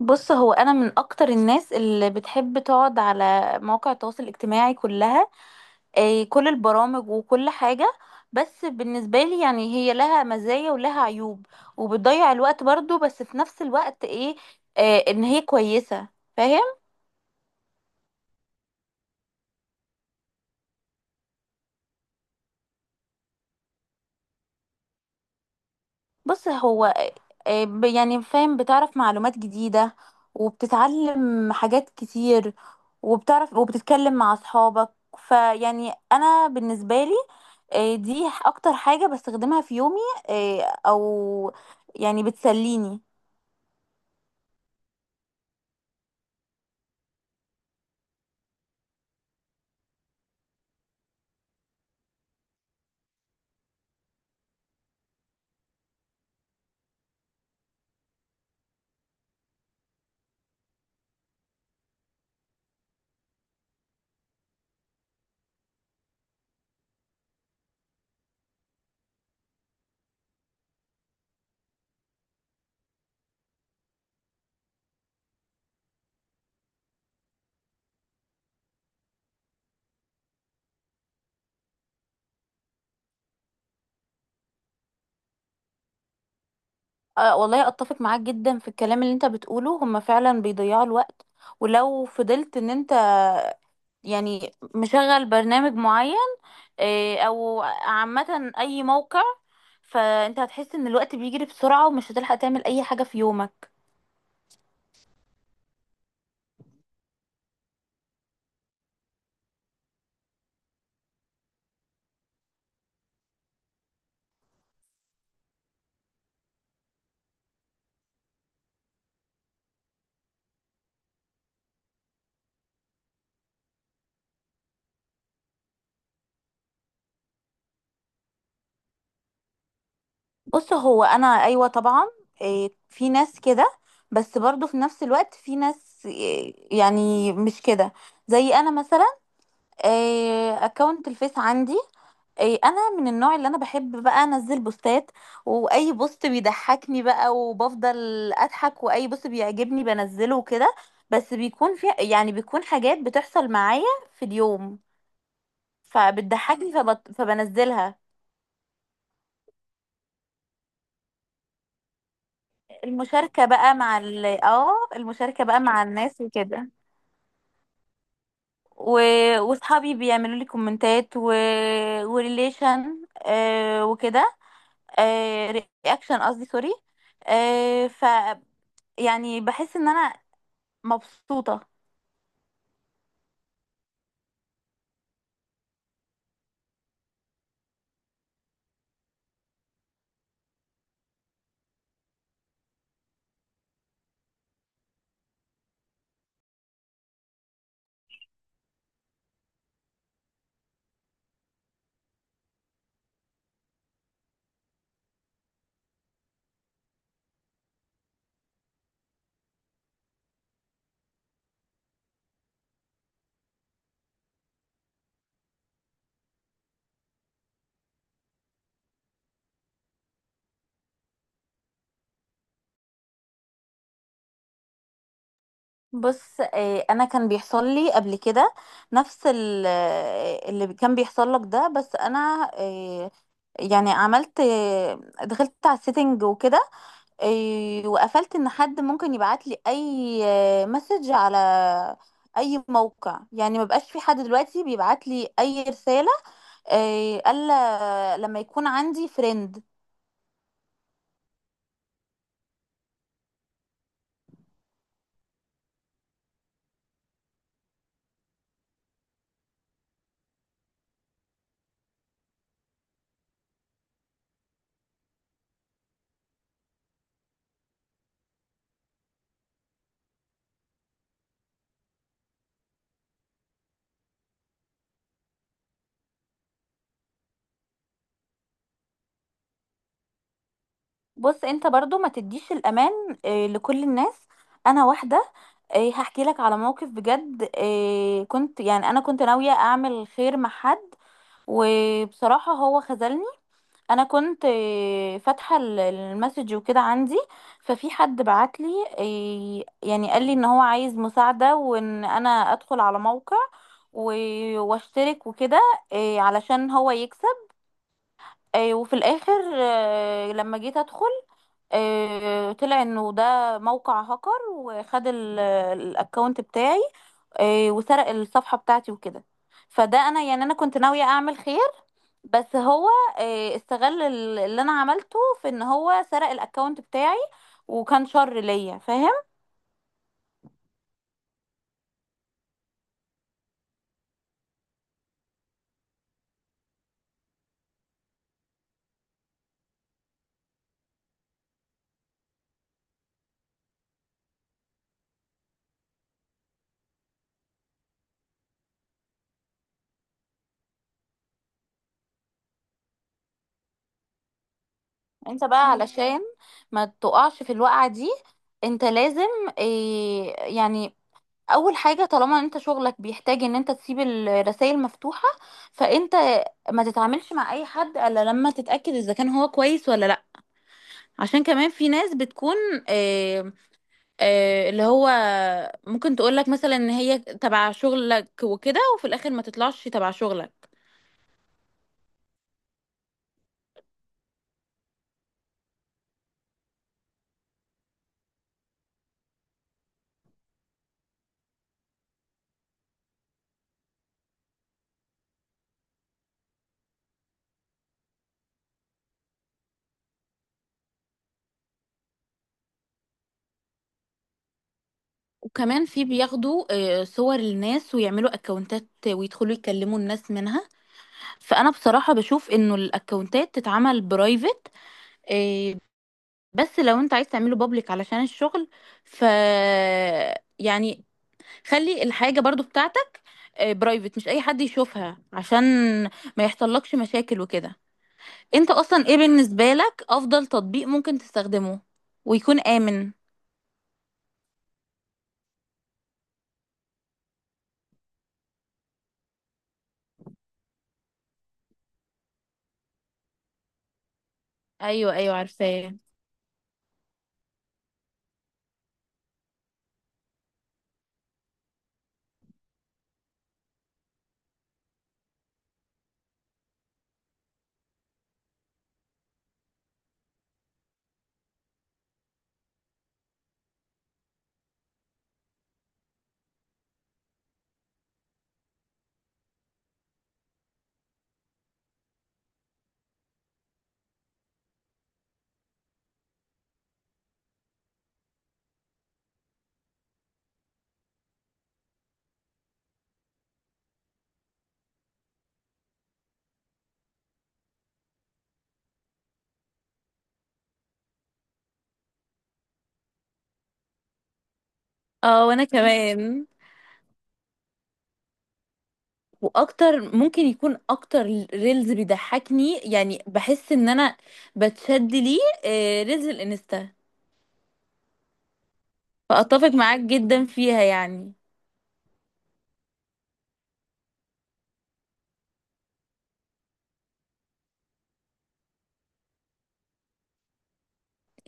بص، هو انا من اكتر الناس اللي بتحب تقعد على مواقع التواصل الاجتماعي كلها. كل البرامج وكل حاجة. بس بالنسبة لي يعني هي لها مزايا ولها عيوب، وبتضيع الوقت برضو، بس في نفس الوقت ايه، ان هي كويسة. فاهم؟ بص هو يعني فاهم، بتعرف معلومات جديدة، وبتتعلم حاجات كتير، وبتعرف وبتتكلم مع أصحابك. فيعني أنا بالنسبة لي، دي أكتر حاجة بستخدمها في يومي. آه، أو يعني بتسليني. والله أتفق معاك جدا في الكلام اللي أنت بتقوله. هما فعلا بيضيعوا الوقت، ولو فضلت إن أنت يعني مشغل برنامج معين، إيه، او عامة اي موقع، فانت هتحس ان الوقت بيجري بسرعة، ومش هتلحق تعمل اي حاجة في يومك. بص هو انا ايوه طبعا، إيه، في ناس كده، بس برضو في نفس الوقت في ناس إيه، يعني مش كده. زي انا مثلا، اكونت الفيس عندي، إيه انا من النوع اللي انا بحب بقى انزل بوستات. واي بوست بيضحكني بقى وبفضل اضحك، واي بوست بيعجبني بنزله وكده. بس بيكون في يعني بيكون حاجات بتحصل معايا في اليوم فبتضحكني فبنزلها. المشاركة بقى مع اه، المشاركة بقى مع الناس وكده. و... وصحابي بيعملوا لي كومنتات وريليشن، آه وكده. آه، رياكشن قصدي، سوري. آه ف يعني بحس ان انا مبسوطة. بص، انا كان بيحصل لي قبل كده نفس اللي كان بيحصل لك ده، بس انا يعني عملت، دخلت على السيتنج وكده. وقفلت ان حد ممكن يبعت لي اي مسج على اي موقع. يعني ما بقاش في حد دلوقتي بيبعت لي اي رسالة، الا لما يكون عندي فريند. بص، انت برضو ما تديش الامان لكل الناس. انا واحده، هحكي لك على موقف بجد. كنت يعني انا كنت ناويه اعمل خير مع حد، وبصراحه هو خذلني. انا كنت فاتحه المسج وكده عندي. ففي حد بعت لي، يعني قال لي ان هو عايز مساعده، وان انا ادخل على موقع و- واشترك وكده، علشان هو يكسب. وفي الاخر لما جيت ادخل، طلع انه ده موقع هاكر، وخد الاكونت بتاعي. وسرق الصفحة بتاعتي وكده. فده، انا يعني انا كنت ناوية اعمل خير، بس هو استغل اللي انا عملته في ان هو سرق الاكونت بتاعي، وكان شر ليا. فاهم؟ انت بقى، علشان ما تقعش في الوقعة دي، انت لازم يعني اول حاجه، طالما انت شغلك بيحتاج ان انت تسيب الرسائل مفتوحه، فانت ما تتعاملش مع اي حد الا لما تتاكد اذا كان هو كويس ولا لا. عشان كمان في ناس بتكون، آه اللي هو ممكن تقولك مثلا ان هي تبع شغلك وكده، وفي الاخر ما تطلعش تبع شغلك. وكمان في بياخدوا صور الناس ويعملوا اكونتات، ويدخلوا يكلموا الناس منها. فانا بصراحه بشوف انه الاكونتات تتعمل برايفت. بس لو انت عايز تعمله بابليك علشان الشغل، ف يعني خلي الحاجة برضو بتاعتك برايفت، مش اي حد يشوفها، عشان ما يحصلكش مشاكل وكده. انت اصلا ايه بالنسبة لك افضل تطبيق ممكن تستخدمه ويكون امن؟ ايوه ايوه عارفاه. اه وانا كمان، واكتر ممكن يكون اكتر ريلز بيضحكني، يعني بحس ان انا بتشد ليه، ريلز الانستا. فاتفق معاك جدا فيها يعني.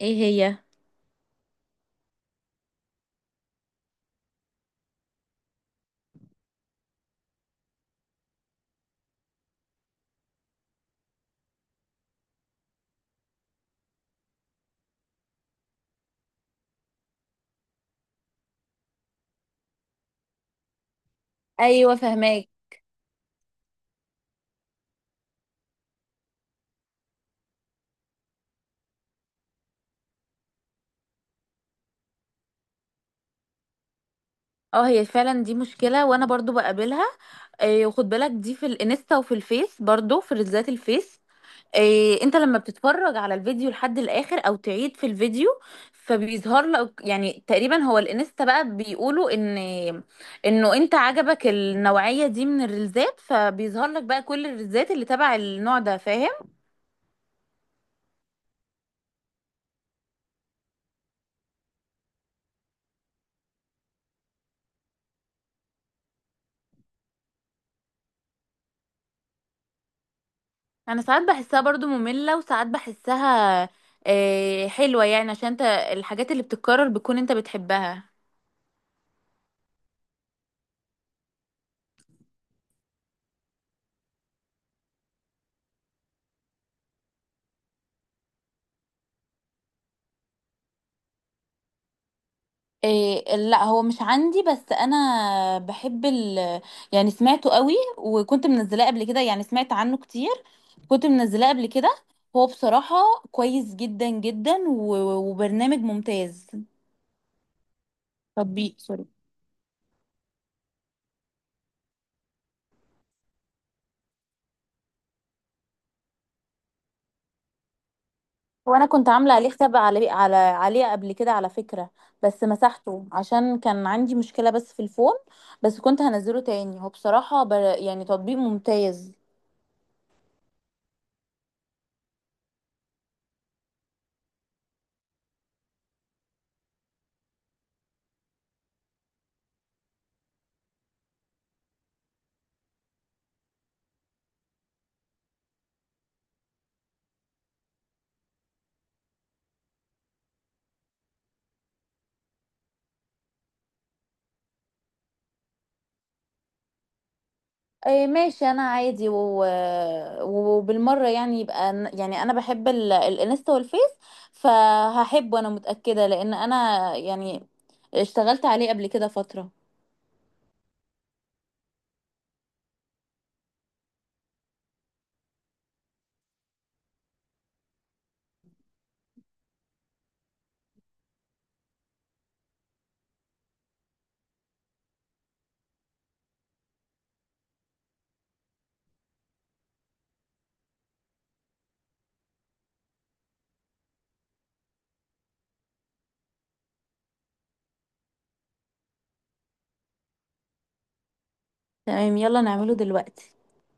ايه هي؟ ايوه فهماك. اه هي فعلا دي مشكلة، وانا برضو بقابلها. وخد بالك دي في الانستا، وفي الفيس برضو في ريلزات الفيس. انت لما بتتفرج على الفيديو لحد الاخر او تعيد في الفيديو، فبيظهر لك يعني تقريبا، هو الانستا بقى بيقولوا ان انه انت عجبك النوعية دي من الريلزات، فبيظهر لك بقى كل الريلزات اللي تبع النوع ده. فاهم؟ انا ساعات بحسها برضو مملة، وساعات بحسها حلوة، يعني عشان انت الحاجات اللي بتتكرر بتكون انت بتحبها. إيه لا هو مش عندي، بس انا بحب يعني، سمعته قوي، وكنت منزلاه قبل كده. يعني سمعت عنه كتير، كنت منزلاه قبل كده. هو بصراحة كويس جدا جدا، وبرنامج ممتاز. تطبيق سوري. وانا كنت عامله عليه حساب على عليه قبل كده على فكره. بس مسحته عشان كان عندي مشكله بس في الفون. بس كنت هنزله تاني. هو بصراحه يعني تطبيق ممتاز. إيه ماشي، انا عادي وبالمره يعني يبقى يعني انا بحب الانستا والفيس، فهحبه انا متاكده، لان انا يعني اشتغلت عليه قبل كده فتره. تمام، يلا نعمله دلوقتي.